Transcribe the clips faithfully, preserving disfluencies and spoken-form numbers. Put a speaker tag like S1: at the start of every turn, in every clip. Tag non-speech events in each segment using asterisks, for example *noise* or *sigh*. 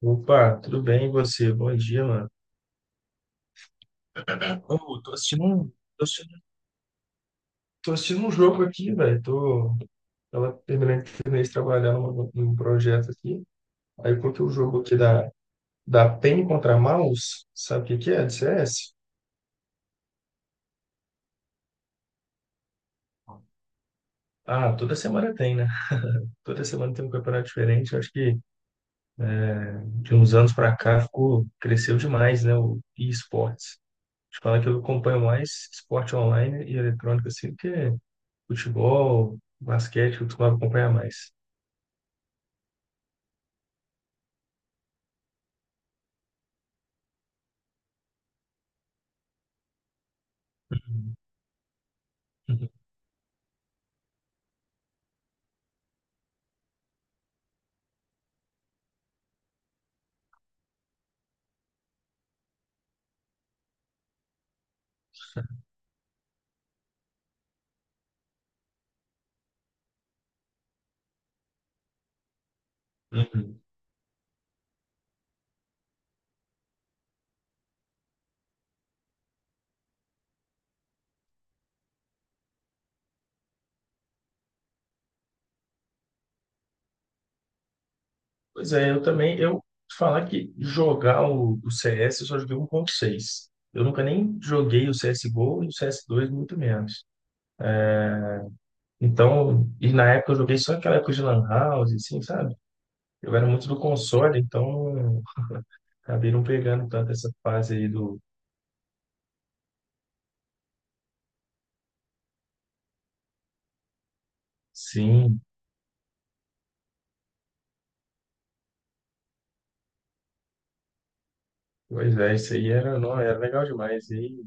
S1: Opa, tudo bem e você? Bom dia, mano. Ô, tô assistindo um, tô assistindo, tô assistindo um jogo aqui, velho. Tô, tava terminando, terminei de trabalhar num, num projeto aqui. Aí eu coloquei o jogo aqui da, da P E N contra mouse. Sabe o que que é? De C S. Ah, toda semana tem, né? Toda semana tem um campeonato diferente. Eu acho que de uns anos pra cá ficou, cresceu demais, né? O e-sports. Te falar que eu acompanho mais esporte online e eletrônico, assim, do que futebol, basquete, eu costumava acompanhar mais. Uhum, uhum, uhum. Pois é, eu também, eu te falar que jogar o, o C S eu só joguei um ponto seis. Eu nunca nem joguei o C S G O e o cs dois muito menos. Então, e na época eu joguei só aquela época de Lan House, assim, sabe? Eu era muito do console, então acabei não pegando tanto essa fase aí do... Sim, pois é, isso aí era, não, era legal demais. E aí,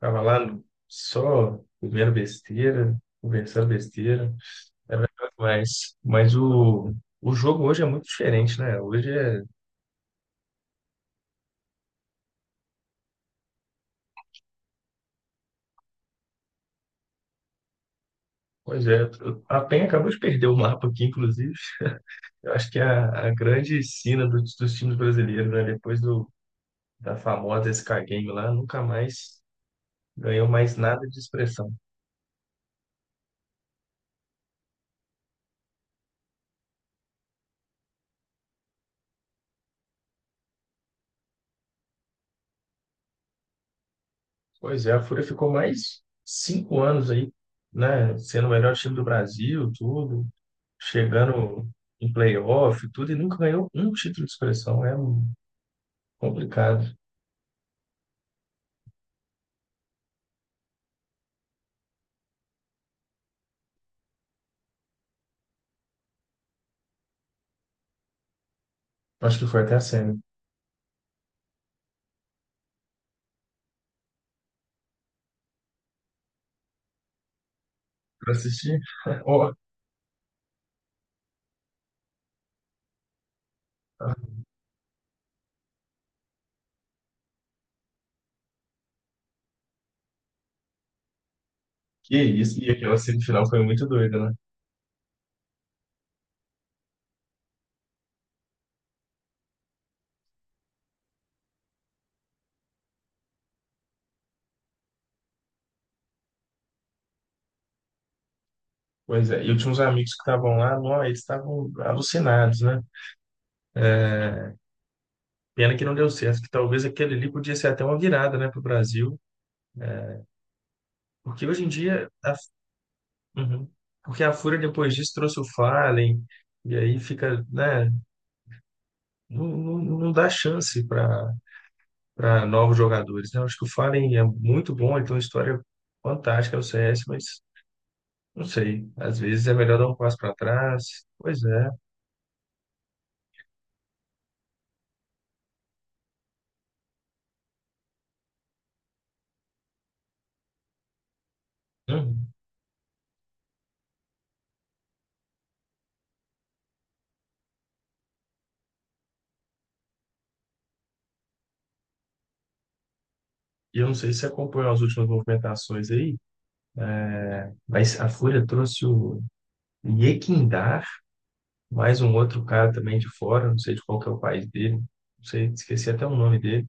S1: tava lá no- só comendo besteira, conversando besteira. É legal demais. Mas o, o jogo hoje é muito diferente, né? Hoje é. Pois é, a P E N acabou de perder o mapa aqui, inclusive. Eu acho que é a, a grande sina dos dos times brasileiros, né? Depois do, da famosa S K Game lá, nunca mais ganhou mais nada de expressão. Pois é, a Fúria ficou mais cinco anos aí, né? Sendo o melhor time do Brasil, tudo, chegando em playoff, tudo, e nunca ganhou um título de expressão. É complicado. Acho que foi até a semi. Pra assistir? *laughs* Ó, que isso. E aquela semifinal foi muito doida, né? Pois é. E eu tinha uns amigos que estavam lá, não, eles estavam alucinados, né? Pena que não deu certo, que talvez aquele ali podia ser até uma virada, né, pro Brasil. Porque hoje em dia. A... Uhum. Porque a Fúria depois disso trouxe o Fallen, e aí fica, né? Não, não, não dá chance para para novos jogadores, né? Eu acho que o Fallen é muito bom, ele tem uma história fantástica no C S, mas. Não sei, às vezes é melhor dar um passo para trás. Pois é. Uhum. E eu não sei se você acompanhou as últimas movimentações aí, mas a Fúria trouxe o Yequindar, mais um outro cara também de fora, não sei de qual que é o país dele, não sei, esqueci até o nome dele.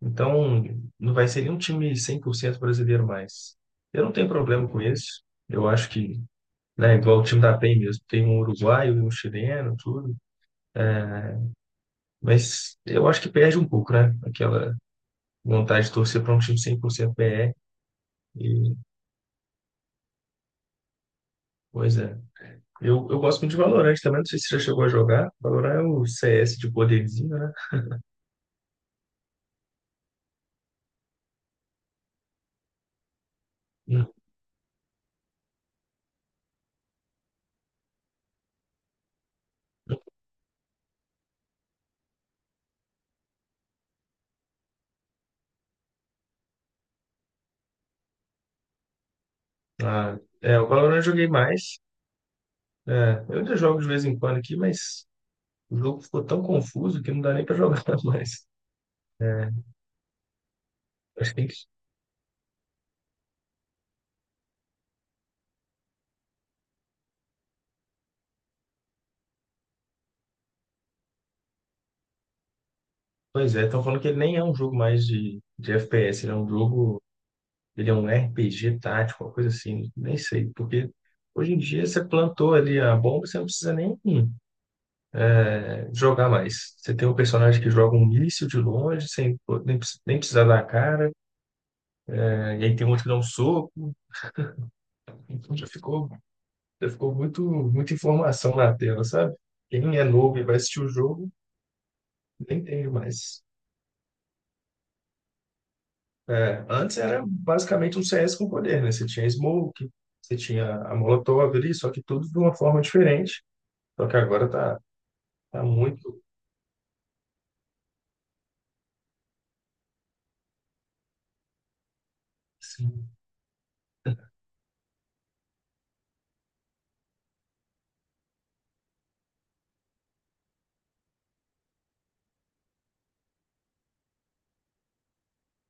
S1: Então, não vai ser nenhum time cem por cento brasileiro mais. Eu não tenho problema com isso. Eu acho que, né, igual o time da P E N mesmo, tem um uruguaio e um chileno, tudo. Mas eu acho que perde um pouco, né? Aquela vontade de torcer para um time cem por cento P E. E, E, pois é. Eu, eu gosto muito de Valorant também, não sei se você já chegou a jogar. Valorant é o C S de poderzinho, né? Hum. Ah, é, o Valorant eu joguei mais. É, eu ainda jogo de vez em quando aqui, mas o jogo ficou tão confuso que não dá nem pra jogar *laughs* mais. É, acho que tem que... Pois é, estão falando que ele nem é um jogo mais de, de F P S, ele é um jogo, ele é um R P G tático, uma coisa assim, nem sei, porque hoje em dia você plantou ali a bomba, você não precisa nem jogar mais. Você tem um personagem que joga um míssil de longe, sem nem, precis- nem precisar dar a cara, né? E aí tem outro que dá um soco. Então já ficou, já ficou muito, muita informação na tela, sabe? Quem é novo e vai assistir o jogo, nem entende mais. É, antes era basicamente um C S com poder, né? Você tinha Smoke, você tinha a Molotov ali, só que tudo de uma forma diferente. Só que agora tá, tá muito, assim,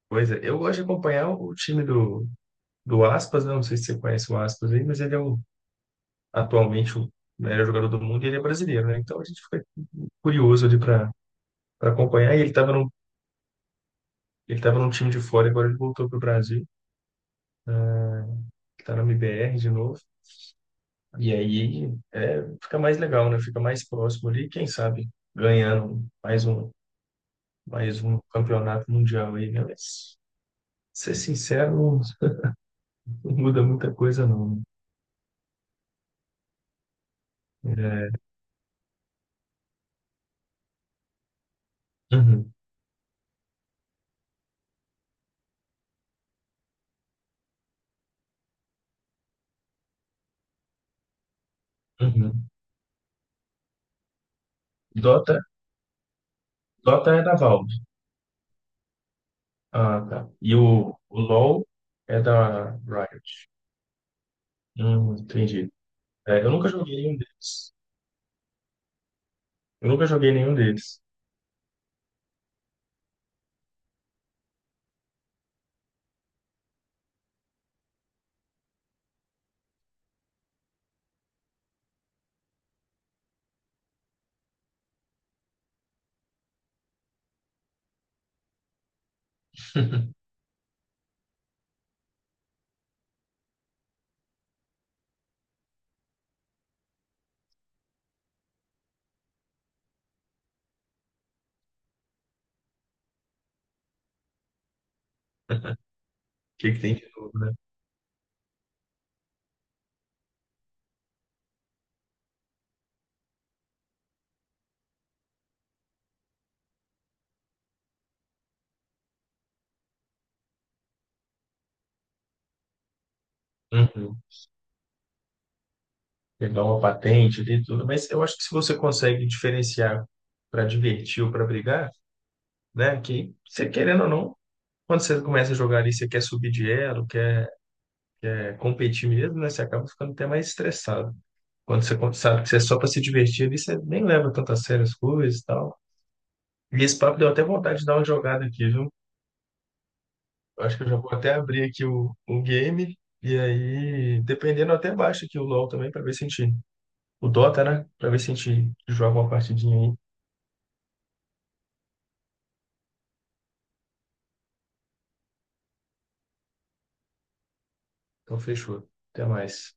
S1: coisa. Eu gosto de acompanhar o time do, do Aspas, né? Não sei se você conhece o Aspas aí, mas ele é um atualmente o melhor jogador do mundo, e ele é brasileiro, né? Então a gente fica curioso ali para para acompanhar. E ele estava num, ele estava num time de fora, agora ele voltou para o Brasil, está na M B R de novo. E aí é, fica mais legal, né? Fica mais próximo ali, quem sabe ganhando mais um, mais um campeonato mundial aí, né? Mas, ser sincero, não, não muda muita coisa, não. Né? É, uhum, uhum. Dota, Dota é da Valve. Ah, tá. E o, o LoL é da Riot. Hum, entendi. É, eu nunca joguei nenhum deles. Eu nunca joguei nenhum deles. *laughs* O que que tem de novo, né? Uhum. Pegar uma patente, tem tudo. Mas eu acho que se você consegue diferenciar para divertir ou para brigar, né? Que você querendo ou não, quando você começa a jogar ali, você quer subir de elo, quer, quer competir mesmo, né? Você acaba ficando até mais estressado. Quando você con- sabe que você é só para se divertir ali, você nem leva tanto a sério as coisas e tal. E esse papo deu até vontade de dar uma jogada aqui, viu? Eu acho que eu já vou até abrir aqui o, o game. E aí, dependendo, eu até baixo aqui o LoL também para ver se a gente. O Dota, né? Para ver se a gente joga uma partidinha aí. Então, fechou. Até mais.